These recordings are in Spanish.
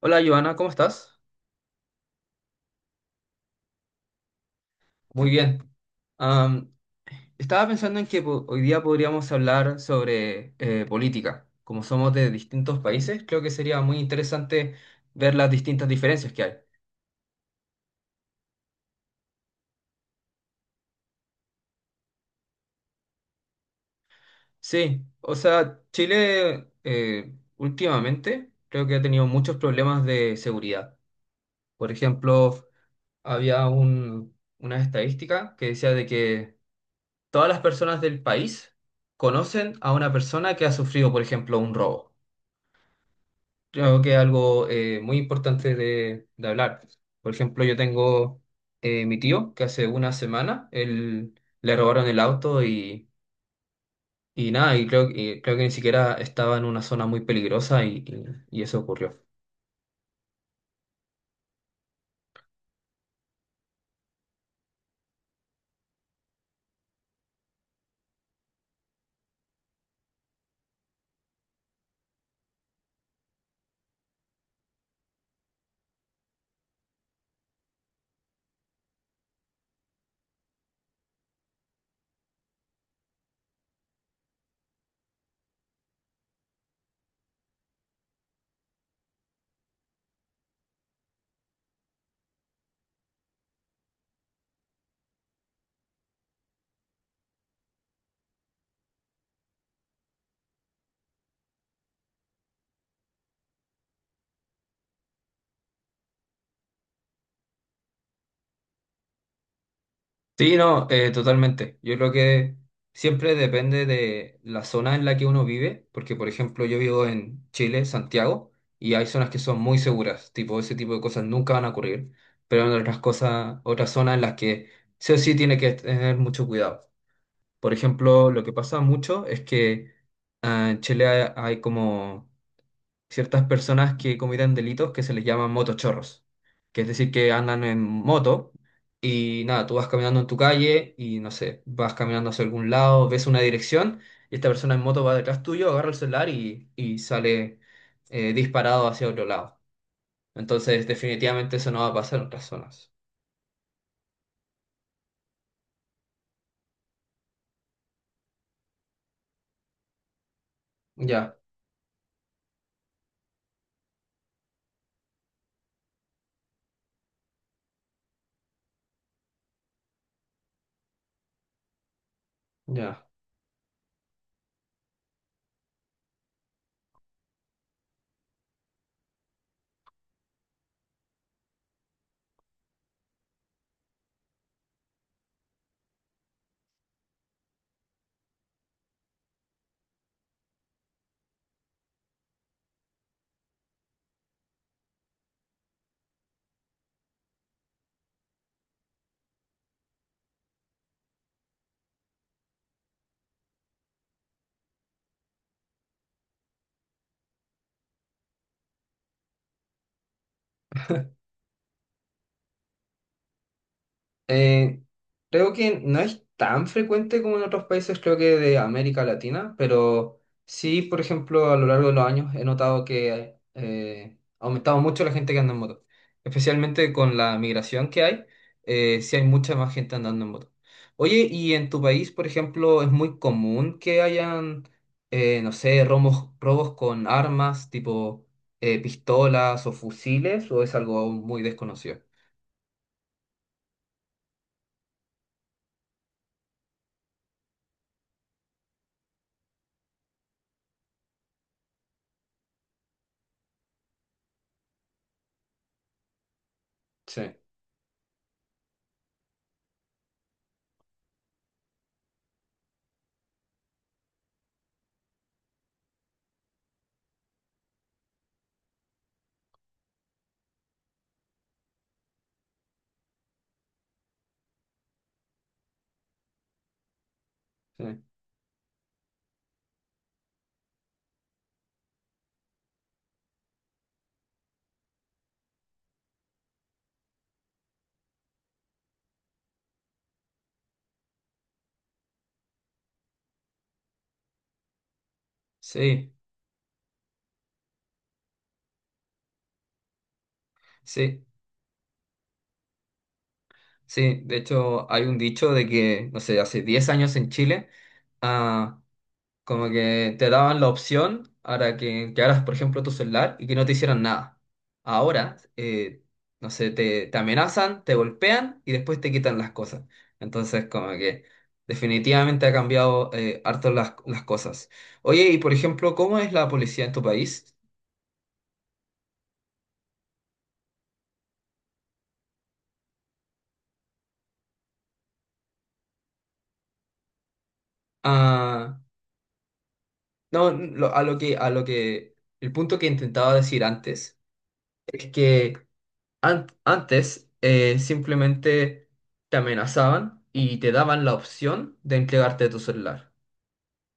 Hola, Joana, ¿cómo estás? Muy bien. Am, Estaba pensando en que hoy día podríamos hablar sobre política. Como somos de distintos países, creo que sería muy interesante ver las distintas diferencias que hay. Sí, o sea, Chile, últimamente creo que ha tenido muchos problemas de seguridad. Por ejemplo, había una estadística que decía de que todas las personas del país conocen a una persona que ha sufrido, por ejemplo, un robo. Creo que es algo muy importante de hablar. Por ejemplo, yo tengo mi tío que hace una semana él, le robaron el auto y nada, y creo que ni siquiera estaba en una zona muy peligrosa y eso ocurrió. Sí, no, totalmente. Yo creo que siempre depende de la zona en la que uno vive, porque por ejemplo yo vivo en Chile, Santiago, y hay zonas que son muy seguras, tipo ese tipo de cosas nunca van a ocurrir, pero hay otras cosas, otras zonas en las que sí o sí tiene que tener mucho cuidado. Por ejemplo, lo que pasa mucho es que en Chile hay como ciertas personas que cometen delitos que se les llaman motochorros, que es decir, que andan en moto y nada, tú vas caminando en tu calle y no sé, vas caminando hacia algún lado, ves una dirección y esta persona en moto va detrás tuyo, agarra el celular y sale disparado hacia otro lado. Entonces, definitivamente eso no va a pasar en otras zonas. Ya, ya. Eh, Creo que no es tan frecuente como en otros países, creo que de América Latina, pero sí, por ejemplo, a lo largo de los años he notado que ha aumentado mucho la gente que anda en moto, especialmente con la migración que hay, sí hay mucha más gente andando en moto. Oye, ¿y en tu país, por ejemplo, es muy común que hayan, no sé, robos, robos con armas tipo pistolas o fusiles, o es algo muy desconocido? Sí, sí. Sí. Sí, sí, de hecho hay un dicho de que, no sé, hace 10 años en Chile, ah, como que te daban la opción para que quedaras, por ejemplo, tu celular y que no te hicieran nada. Ahora, no sé, te amenazan, te golpean y después te quitan las cosas. Entonces, como que definitivamente ha cambiado harto las cosas. Oye, y por ejemplo, ¿cómo es la policía en tu país? Ah, no, a lo que, el punto que intentaba decir antes es que antes simplemente te amenazaban y te daban la opción de entregarte tu celular.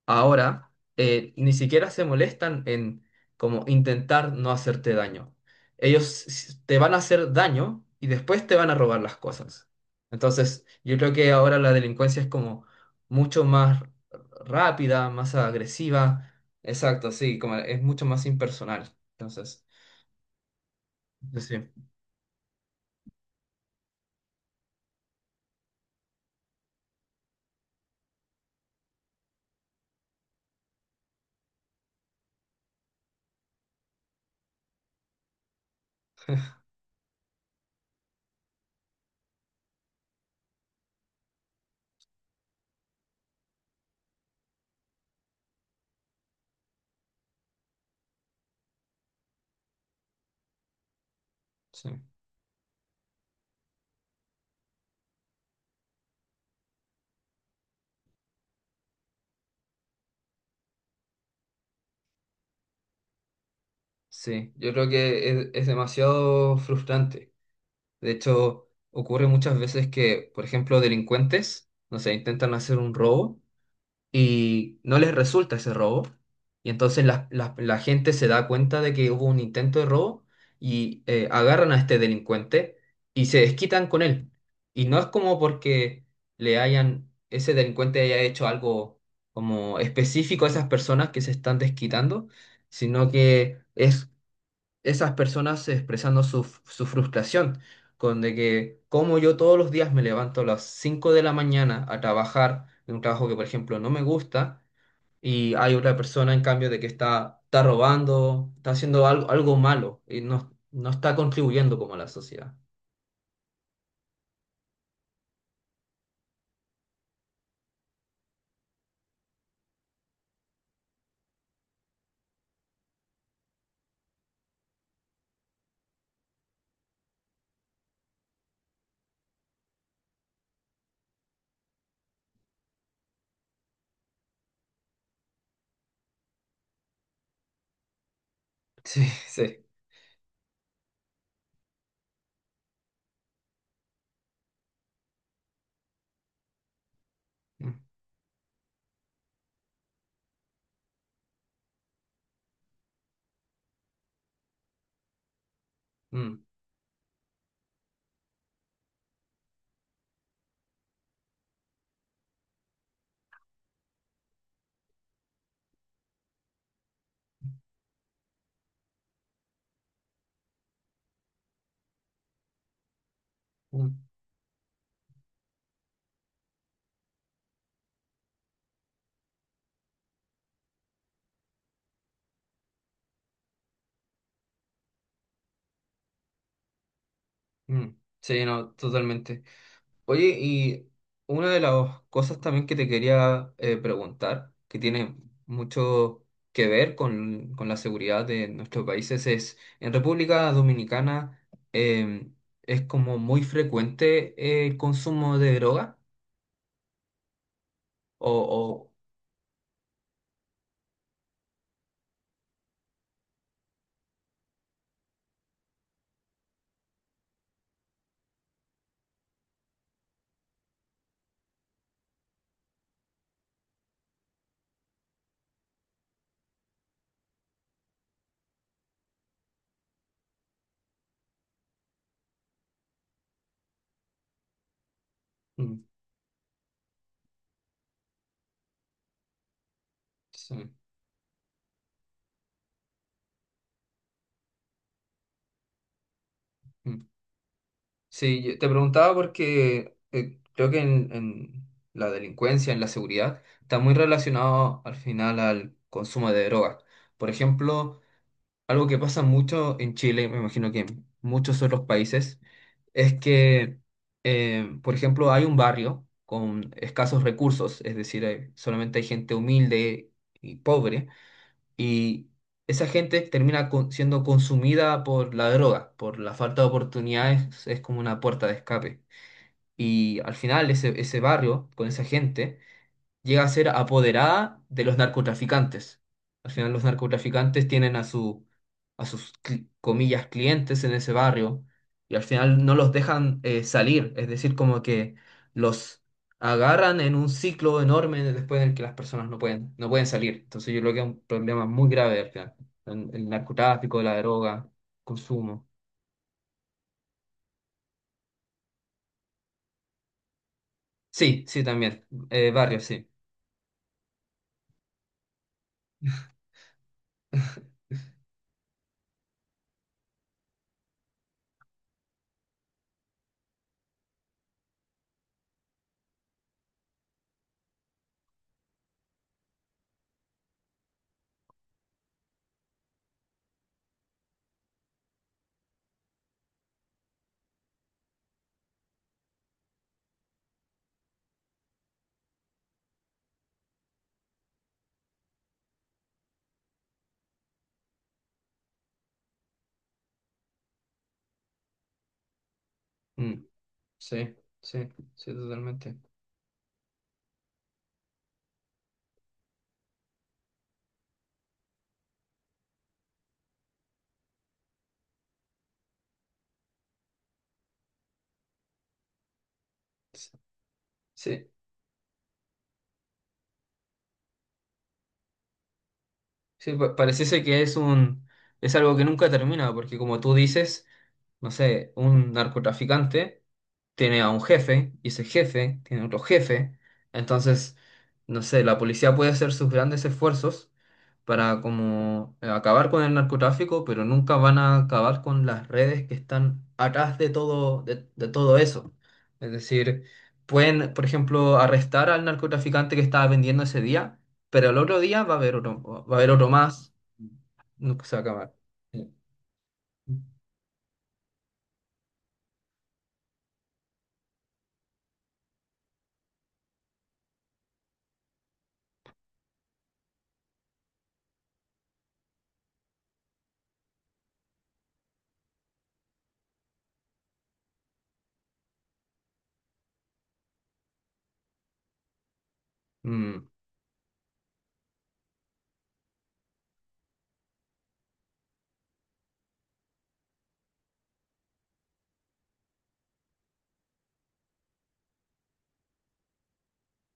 Ahora ni siquiera se molestan en como intentar no hacerte daño. Ellos te van a hacer daño y después te van a robar las cosas. Entonces, yo creo que ahora la delincuencia es como mucho más rápida, más agresiva. Exacto, sí, como es mucho más impersonal. Entonces, sí, sí. Sí, yo creo que es demasiado frustrante. De hecho, ocurre muchas veces que, por ejemplo, delincuentes, no sé, intentan hacer un robo y no les resulta ese robo. Y entonces la gente se da cuenta de que hubo un intento de robo y agarran a este delincuente y se desquitan con él. Y no es como porque le hayan, ese delincuente haya hecho algo como específico a esas personas que se están desquitando, sino que es esas personas expresando su frustración con de que como yo todos los días me levanto a las 5 de la mañana a trabajar en un trabajo que, por ejemplo, no me gusta y hay otra persona, en cambio, de que está robando, está haciendo algo, algo malo y no, no está contribuyendo como a la sociedad. Sí, sí. Mm, mm, mm, mm. Sí, no, totalmente. Oye, y una de las cosas también que te quería preguntar, que tiene mucho que ver con la seguridad de nuestros países, es, en República Dominicana es como muy frecuente el consumo de droga, o, o- mm, sí, mm. Sí, yo te preguntaba porque creo que en la delincuencia, en la seguridad, está muy relacionado al final al consumo de drogas. Por ejemplo, algo que pasa mucho en Chile, y me imagino que en muchos otros países, es que, por ejemplo, hay un barrio con escasos recursos, es decir, solamente hay gente humilde y pobre, y esa gente termina siendo consumida por la droga, por la falta de oportunidades, es como una puerta de escape. Y al final ese barrio, con esa gente, llega a ser apoderada de los narcotraficantes. Al final los narcotraficantes tienen a a sus, comillas, clientes en ese barrio y al final no los dejan salir. Es decir, como que los agarran en un ciclo enorme después en el que las personas no pueden, no pueden salir. Entonces yo creo que es un problema muy grave al final. El narcotráfico, la droga, consumo. Sí, sí, también. Barrio, sí. Mm, sí, sí, sí, totalmente. Sí. Sí, pareciese que es un, es algo que nunca termina, porque como tú dices, no sé, un narcotraficante tiene a un jefe, y ese jefe tiene otro jefe. Entonces, no sé, la policía puede hacer sus grandes esfuerzos para como acabar con el narcotráfico, pero nunca van a acabar con las redes que están atrás de todo, de todo eso. Es decir, pueden, por ejemplo, arrestar al narcotraficante que estaba vendiendo ese día pero el otro día va a haber otro, va a haber otro más, nunca se va a acabar. Sí. Mm,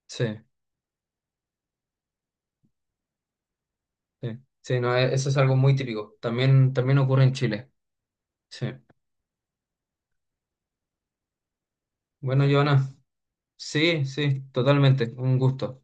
sí, sí, sí, no, eso es algo muy típico. También, también ocurre en Chile. Sí. Bueno, Joana, sí, sí, totalmente, un gusto.